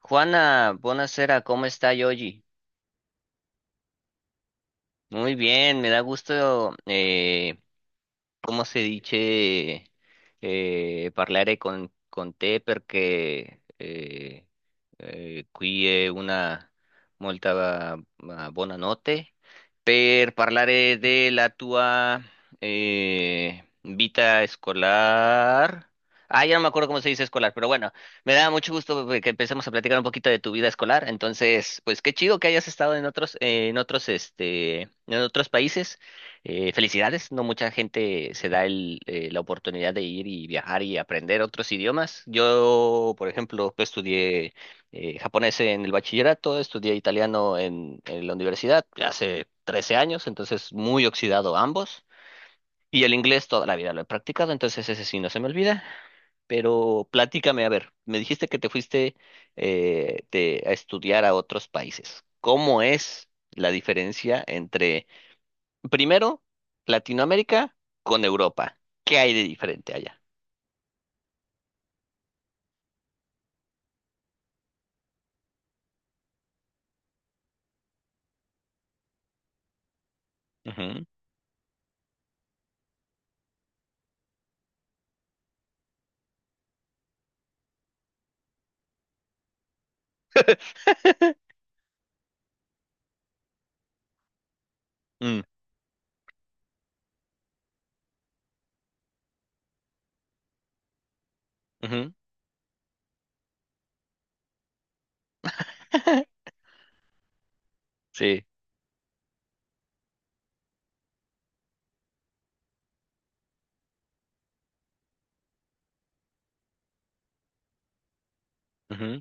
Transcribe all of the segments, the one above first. Juana, buonasera, ¿cómo está Yogi? Muy bien, me da gusto come si dice parlare con te perché qui è una molta buona per parlare della tua vita escolar. Ah, ya no me acuerdo cómo se dice escolar, pero bueno, me da mucho gusto que empecemos a platicar un poquito de tu vida escolar. Entonces, pues qué chido que hayas estado en en otros países. Felicidades, no mucha gente se da la oportunidad de ir y viajar y aprender otros idiomas. Yo, por ejemplo, pues, estudié japonés en el bachillerato, estudié italiano en la universidad hace 13 años, entonces muy oxidado ambos. Y el inglés toda la vida lo he practicado, entonces ese sí no se me olvida. Pero platícame, a ver, me dijiste que te fuiste a estudiar a otros países. ¿Cómo es la diferencia entre Primero, Latinoamérica con Europa? ¿Qué hay de diferente allá? Ujú. Mm, ujú. Sí. Ujú.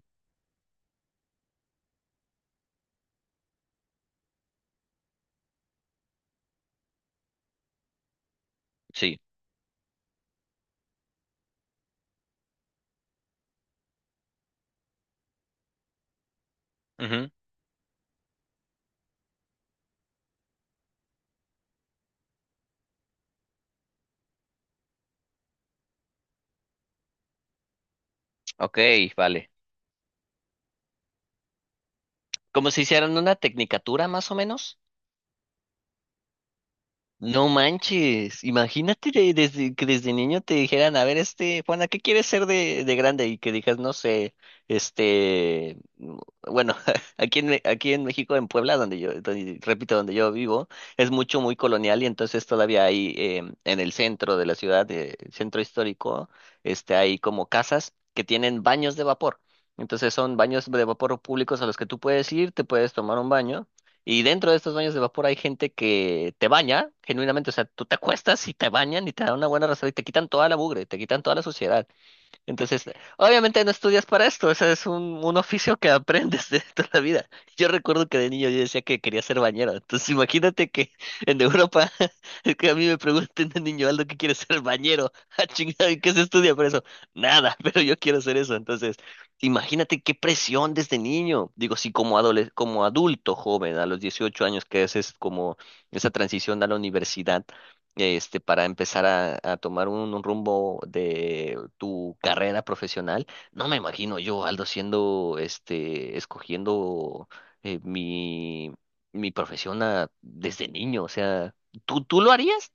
Sí. Ujú. Ok, vale. Como si hicieran una tecnicatura más o menos. No manches, imagínate desde niño te dijeran, a ver, este, Juana, ¿qué quieres ser de grande? Y que digas, no sé, este, mm, bueno, aquí en México, en Puebla, repito, donde yo vivo, es muy colonial y entonces todavía hay en el centro de la ciudad, el centro histórico, hay como casas que tienen baños de vapor. Entonces son baños de vapor públicos a los que tú puedes ir, te puedes tomar un baño. Y dentro de estos baños de vapor hay gente que te baña, genuinamente, o sea, tú te acuestas y te bañan y te dan una buena rasada y te quitan toda la mugre, te quitan toda la suciedad. Entonces, obviamente no estudias para esto, o sea, es un oficio que aprendes de toda la vida. Yo recuerdo que de niño yo decía que quería ser bañero, entonces imagínate que en Europa, es que a mí me pregunten de niño Aldo qué quiere ser bañero, ah, chingado, ¿y qué se estudia para eso? Nada, pero yo quiero ser eso, entonces, imagínate qué presión desde niño. Digo, sí, como adulto joven, a los 18 años que haces como esa transición a la universidad, para empezar a tomar un rumbo de tu carrera profesional. No me imagino yo, Aldo, siendo, escogiendo eh, mi, mi profesión desde niño. O sea, ¿tú lo harías?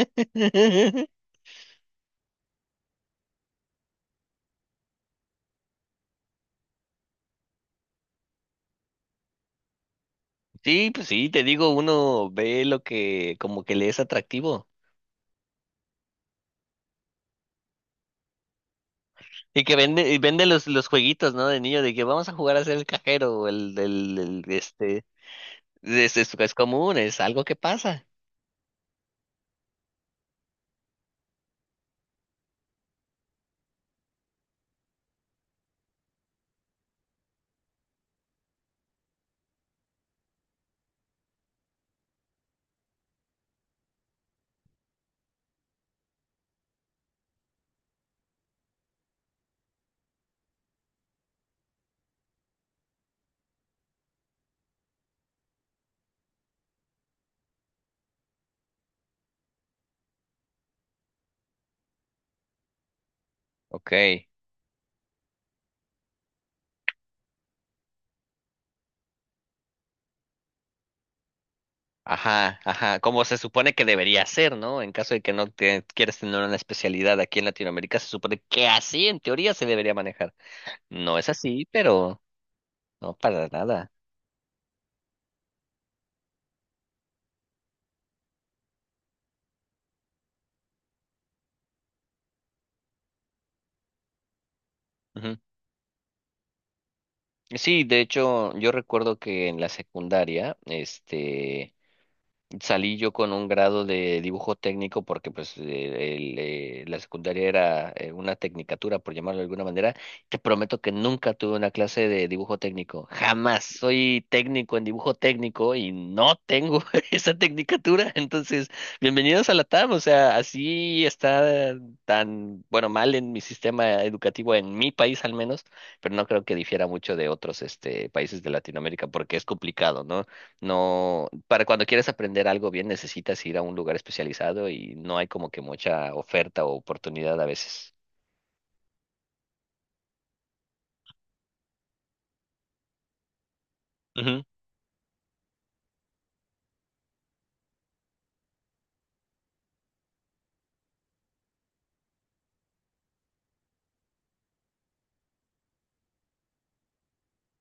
Sí, pues sí, te digo, uno ve lo que como que le es atractivo. Y que vende los jueguitos, ¿no? De niño, de que vamos a jugar a ser el cajero, o el- este, es común, es algo que pasa. Ok. Ajá, ajá, como se supone que debería ser, ¿no? En caso de que no te quieras tener una especialidad aquí en Latinoamérica, se supone que así en teoría se debería manejar. No es así, pero no, para nada. Ujú. Sí, de hecho, yo recuerdo que en la secundaria, salí yo con un grado de dibujo técnico porque pues la secundaria era una tecnicatura, por llamarlo de alguna manera. Te prometo que nunca tuve una clase de dibujo técnico, jamás. Soy técnico en dibujo técnico y no tengo esa tecnicatura. Entonces, bienvenidos a la TAM. O sea, así está tan, bueno, mal en mi sistema educativo, en mi país al menos, pero no creo que difiera mucho de otros, países de Latinoamérica, porque es complicado, ¿no? No, para cuando quieres aprender algo bien necesitas ir a un lugar especializado y no hay como que mucha oferta o oportunidad a veces.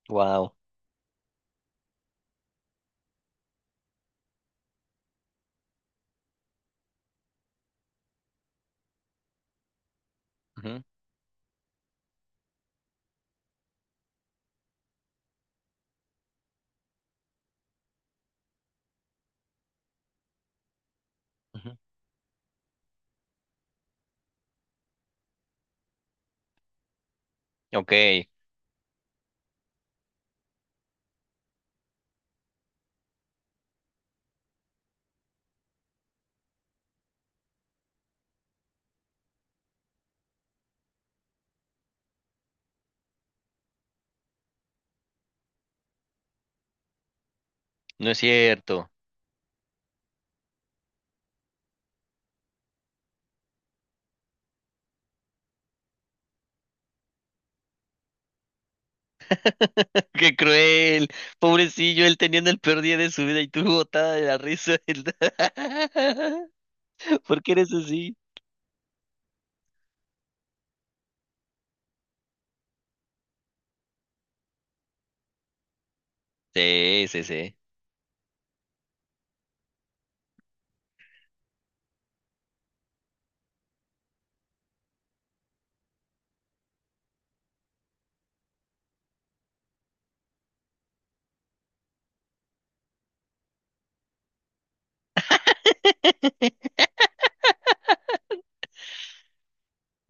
Wow. Ok, no es cierto. Qué cruel. Pobrecillo, él teniendo el peor día de su vida y tú botada de la risa. ¿Por qué eres así? Sí, sí, sí.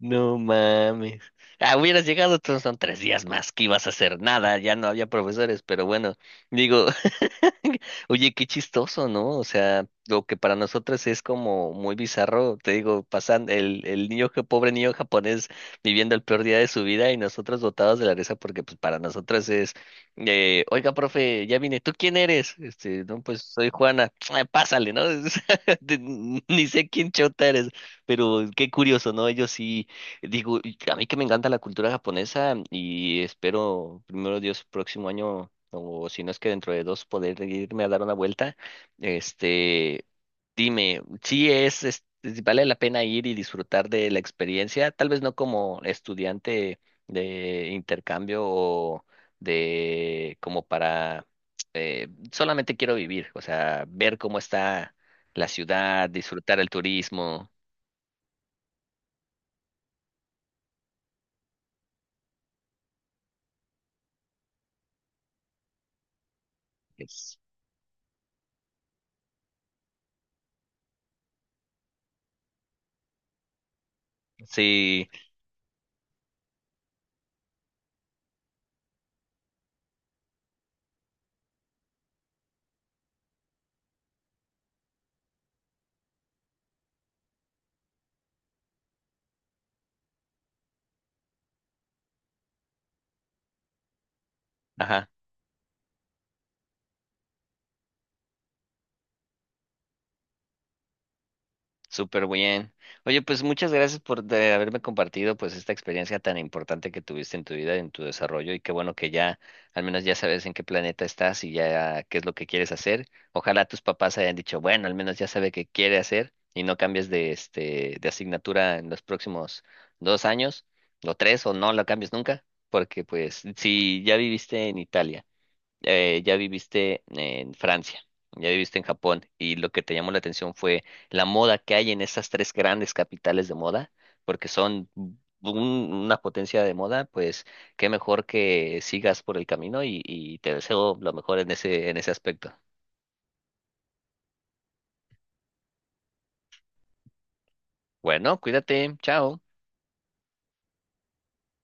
No mames. Ah, hubieras llegado, tú, son 3 días más que ibas a hacer nada, ya no había profesores, pero bueno, digo, oye, qué chistoso, ¿no? O sea, lo que para nosotros es como muy bizarro, te digo, pasan el niño, pobre niño japonés viviendo el peor día de su vida y nosotros botados de la risa porque pues para nosotros es, oiga, profe, ya vine, ¿tú quién eres? No, pues soy Juana, "Ah, pásale, ¿no? De- Ni sé quién chota eres. Pero qué curioso, ¿no? Ellos sí. Digo, y a mí que me encanta la cultura japonesa y espero, primero Dios, próximo año, o si no es que dentro de dos, poder irme a dar una vuelta. Este, dime, si vale la pena ir y disfrutar de la experiencia, tal vez no como estudiante de intercambio o de como para, solamente quiero vivir, o sea, ver cómo está la ciudad, disfrutar el turismo. es- Sí, ajá. Súper bien. Oye, pues muchas gracias por de haberme compartido pues esta experiencia tan importante que tuviste en tu vida, en tu desarrollo y qué bueno que ya al menos ya sabes en qué planeta estás y ya qué es lo que quieres hacer. Ojalá tus papás hayan dicho, bueno, al menos ya sabe qué quiere hacer y no cambies de asignatura en los próximos 2 años o 3, o no la cambies nunca, porque pues si ya viviste en Italia, ya viviste en Francia, ya viviste en Japón, y lo que te llamó la atención fue la moda que hay en esas tres grandes capitales de moda, porque son una potencia de moda, pues qué mejor que sigas por el camino y te deseo lo mejor en ese aspecto. Bueno, cuídate, chao.